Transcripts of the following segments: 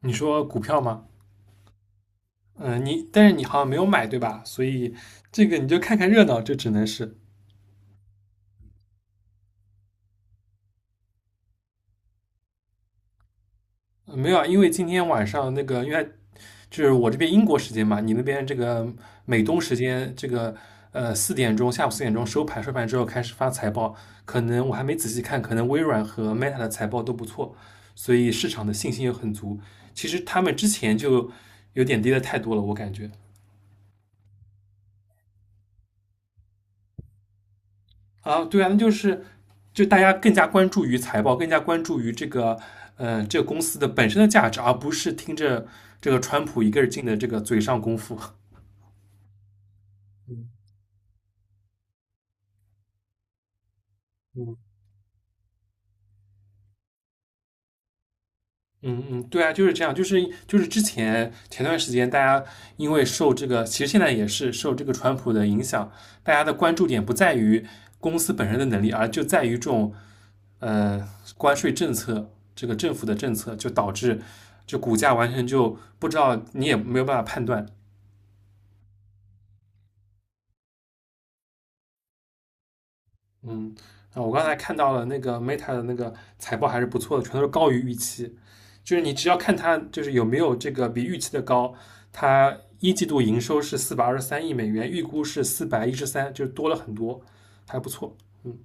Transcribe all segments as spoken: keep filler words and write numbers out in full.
你说股票吗？嗯，你但是你好像没有买对吧？所以这个你就看看热闹，就只能是呃没有啊，因为今天晚上那个，因为它就是我这边英国时间嘛，你那边这个美东时间这个呃四点钟，下午四点钟收盘，收盘之后开始发财报，可能我还没仔细看，可能微软和 Meta 的财报都不错，所以市场的信心又很足。其实他们之前就有点跌的太多了，我感觉。啊，对啊，那就是就大家更加关注于财报，更加关注于这个嗯、呃这个公司的本身的价值，而不是听着这个川普一个人劲的这个嘴上功夫。嗯嗯嗯，对啊，就是这样，就是就是之前前段时间大家因为受这个，其实现在也是受这个川普的影响，大家的关注点不在于公司本身的能力，而就在于这种呃关税政策，这个政府的政策，就导致就股价完全就不知道，你也没有办法判断。嗯。啊，我刚才看到了那个 Meta 的那个财报还是不错的，全都是高于预期。就是你只要看它，就是有没有这个比预期的高，它一季度营收是四百二十三亿美元，预估是四百一十三，就是多了很多，还不错。嗯，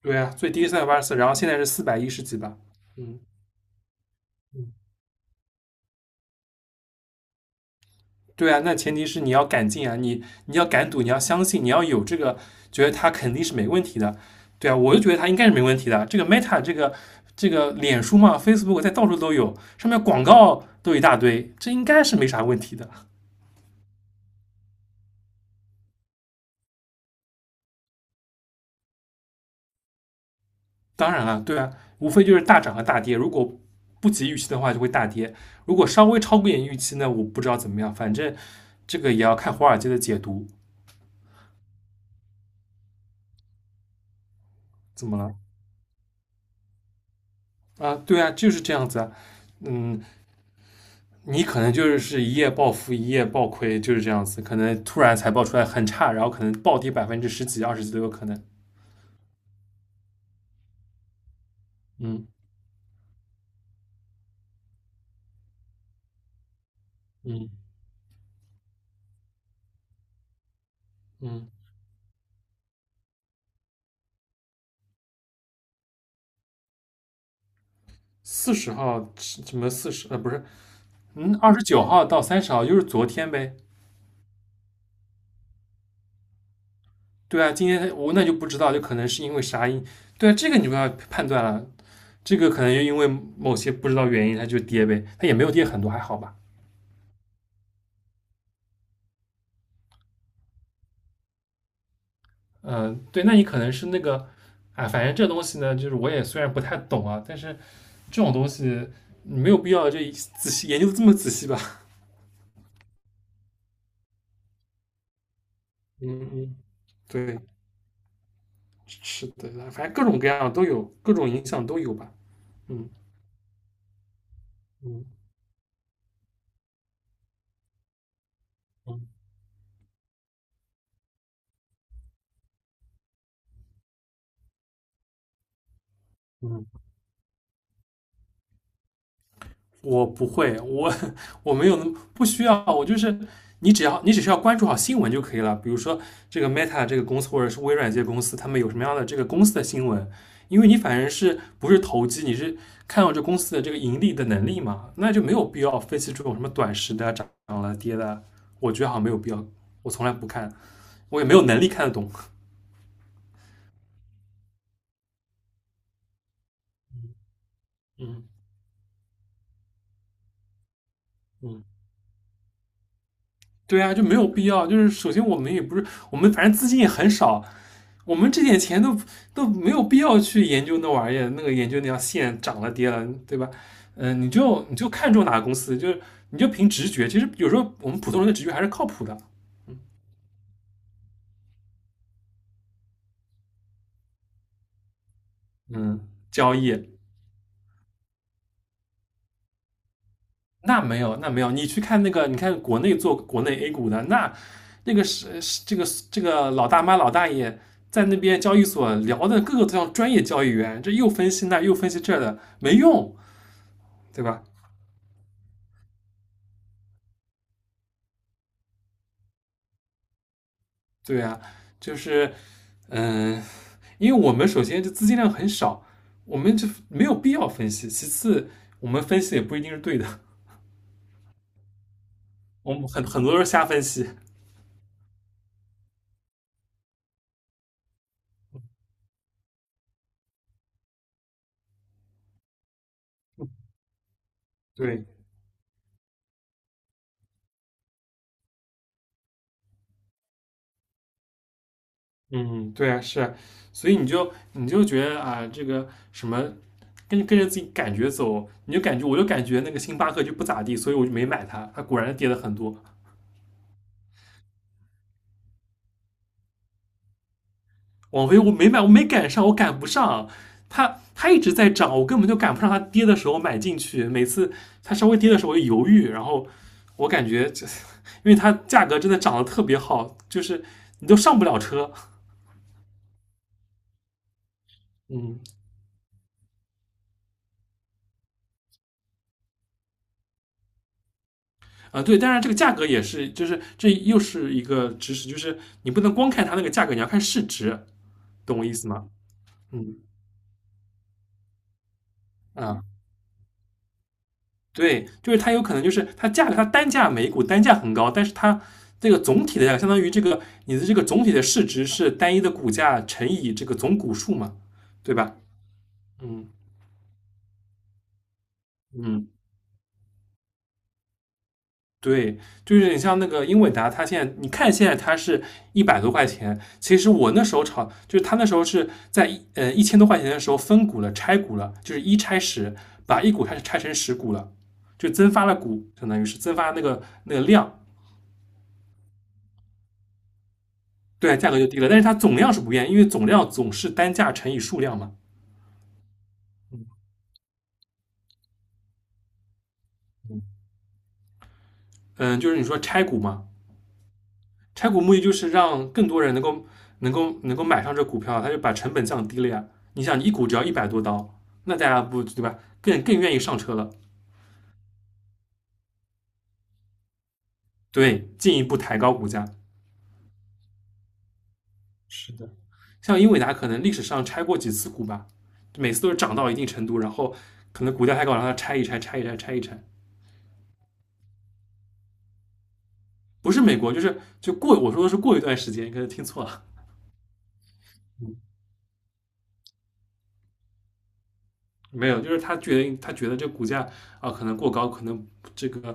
对啊，最低三百八十四，然后现在是四百一十几吧。嗯，对啊，那前提是你要敢进啊，你你要敢赌，你要相信，你要有这个觉得它肯定是没问题的，对啊，我就觉得它应该是没问题的。这个 Meta 这个这个脸书嘛，Facebook 在到处都有，上面广告都一大堆，这应该是没啥问题的。当然了，对啊，无非就是大涨和大跌，如果不及预期的话就会大跌，如果稍微超过一点预期呢，我不知道怎么样，反正这个也要看华尔街的解读。怎么了？啊，对啊，就是这样子啊。嗯，你可能就是是一夜暴富，一夜暴亏，就是这样子，可能突然财报出来很差，然后可能暴跌百分之十几、二十几都有可能。嗯嗯嗯。四十号什么四十呃不是，嗯二十九号到三十号就是昨天呗。对啊，今天我那就不知道，就可能是因为啥因，对啊，这个你不要判断了，这个可能就因为某些不知道原因它就跌呗，它也没有跌很多，还好吧。嗯，对，那你可能是那个，啊，反正这东西呢，就是我也虽然不太懂啊，但是这种东西你没有必要就仔细研究得这么仔细吧？嗯嗯，对，是的，反正各种各样的都有，各种影响都有吧。嗯嗯嗯。我不会，我我没有那么不需要，我就是你只要你只需要关注好新闻就可以了。比如说这个 Meta 这个公司或者是微软这些公司，他们有什么样的这个公司的新闻，因为你反正是不是投机，你是看到这公司的这个盈利的能力嘛，那就没有必要分析这种什么短时的涨了跌的，我觉得好像没有必要，我从来不看，我也没有能力看得懂。嗯嗯，对啊，就没有必要。就是首先我们也不是，我们反正资金也很少，我们这点钱都都没有必要去研究那玩意儿，那个研究那条线涨了跌了，对吧？嗯、呃你就你就看中哪个公司，就是你就凭直觉。其实有时候我们普通人的直觉还是靠谱的。嗯，交易。那没有，那没有。你去看那个，你看国内做国内 A 股的，那那个是是这个这个老大妈老大爷在那边交易所聊的，各个都像专业交易员，这又分析那又分析这的，没用。对吧？对啊，就是嗯、呃因为我们首先就资金量很少，我们就没有必要分析。其次，我们分析也不一定是对的，我们很很多都是瞎分析。对，嗯，对啊，是啊，所以你就你就觉得啊，这个什么。跟跟着自己感觉走，你就感觉，我就感觉那个星巴克就不咋地，所以我就没买它。它果然跌了很多，网飞我没买，我没赶上，我赶不上。它它一直在涨，我根本就赶不上它跌的时候买进去。每次它稍微跌的时候我就犹豫，然后我感觉因为它价格真的涨得特别好，就是你都上不了车。嗯。啊、呃对，当然这个价格也是，就是这又是一个知识，就是你不能光看它那个价格，你要看市值，懂我意思吗？嗯。啊、对，就是它有可能就是它价格，它单价每股单价很高，但是它这个总体的价格相当于这个你的这个总体的市值是单一的股价乘以这个总股数嘛，对吧？嗯嗯，对，就是你像那个英伟达，它现在你看现在它是一百多块钱，其实我那时候炒，就是它那时候是在一呃一千多块钱的时候分股了，拆股了，就是一拆十，把一股开始拆成十股了，就增发了股，相当于是增发那个那个量。对，价格就低了，但是它总量是不变，因为总量总是单价乘以数量嘛。嗯，就是你说拆股嘛，拆股目的就是让更多人能够能够能够买上这股票，它就把成本降低了呀。你想，一股只要一百多刀，那大家不对吧？更更愿意上车了，对，进一步抬高股价。是的，像英伟达可能历史上拆过几次股吧，每次都是涨到一定程度，然后可能股价太高，然后它拆一拆，拆一拆，拆一拆。不是美国，就是就过，我说的是过一段时间，可能听错了。没有，就是他觉得他觉得这股价啊可能过高，可能这个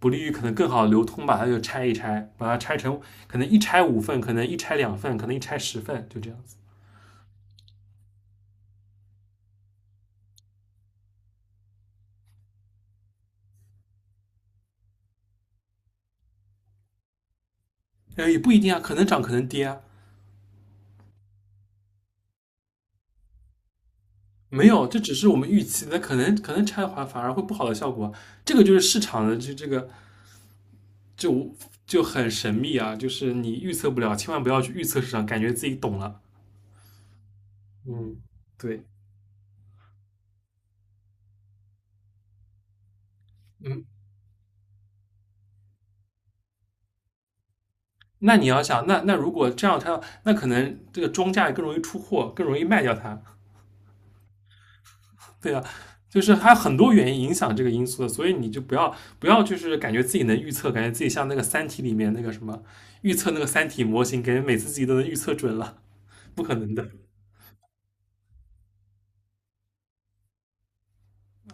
不利于可能更好的流通吧，他就拆一拆，把它拆成可能一拆五份，可能一拆两份，可能一拆十份，就这样子。呃，也不一定啊，可能涨，可能跌啊。没有，这只是我们预期的，可能可能拆的话反而会不好的效果。这个就是市场的这这个就就很神秘啊，就是你预测不了，千万不要去预测市场，感觉自己懂了。嗯，对，嗯，那你要想，那那如果这样它，那可能这个庄家也更容易出货，更容易卖掉它，对啊，就是还有很多原因影响这个因素的，所以你就不要不要就是感觉自己能预测，感觉自己像那个《三体》里面那个什么预测那个《三体》模型，感觉每次自己都能预测准了，不可能的。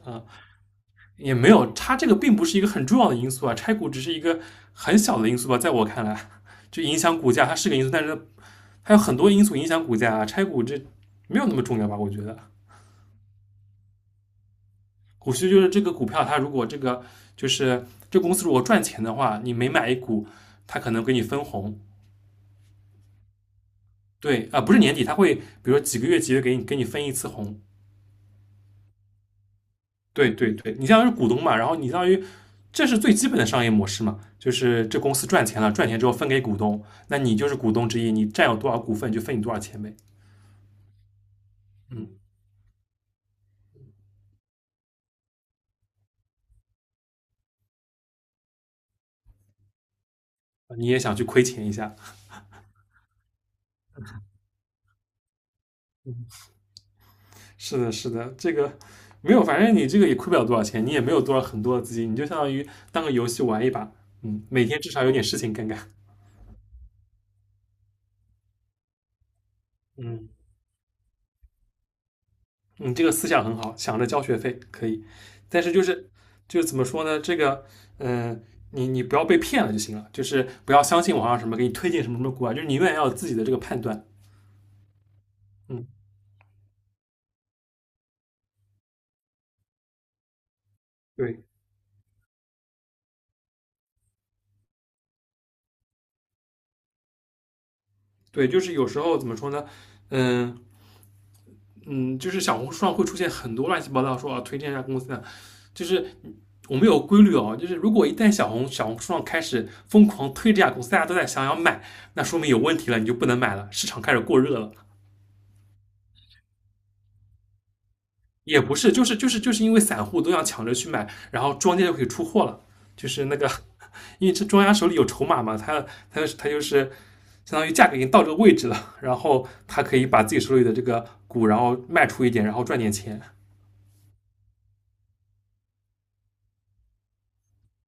啊，也没有，它这个并不是一个很重要的因素啊，拆股只是一个很小的因素吧，在我看来，就影响股价它是个因素，但是它有很多因素影响股价啊，拆股这没有那么重要吧，我觉得。股息就是这个股票，它如果这个就是这公司如果赚钱的话，你每买一股，它可能给你分红。对啊、呃不是年底，它会比如说几个月几个月给你给你分一次红。对对对，你相当于是股东嘛，然后你相当于这是最基本的商业模式嘛，就是这公司赚钱了，赚钱之后分给股东，那你就是股东之一，你占有多少股份就分你多少钱呗。嗯，你也想去亏钱一下，是的，是的，这个没有，反正你这个也亏不了多少钱，你也没有多少很多的资金，你就相当于当个游戏玩一把，嗯，每天至少有点事情干干，嗯嗯，你这个思想很好，想着交学费可以，但是就是就是怎么说呢，这个，嗯、呃你你不要被骗了就行了，就是不要相信网上什么给你推荐什么什么股啊，就是你永远要有自己的这个判断，嗯，对对，就是有时候怎么说呢，嗯、嗯，就是小红书上会出现很多乱七八糟说啊推荐一下公司的，就是我们有规律哦，就是如果一旦小红小红书上开始疯狂推这家公司，大家都在想要买，那说明有问题了，你就不能买了，市场开始过热了。也不是，就是就是就是因为散户都想抢着去买，然后庄家就可以出货了。就是那个，因为这庄家手里有筹码嘛，他他他就是相当于价格已经到这个位置了，然后他可以把自己手里的这个股，然后卖出一点，然后赚点钱，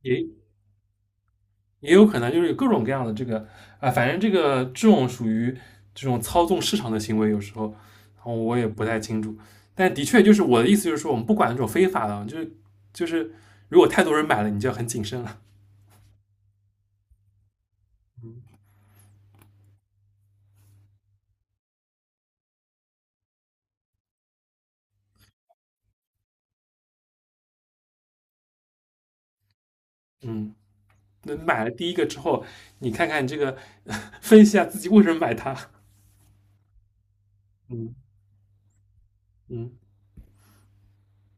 也也有可能就是有各种各样的这个啊、呃反正这个这种属于这种操纵市场的行为，有时候，然后我也不太清楚。但的确就是我的意思就是说，我们不管那种非法的，就是就是如果太多人买了，你就要很谨慎了。嗯，那买了第一个之后，你看看这个，呵呵分析一下自己为什么买它。嗯嗯。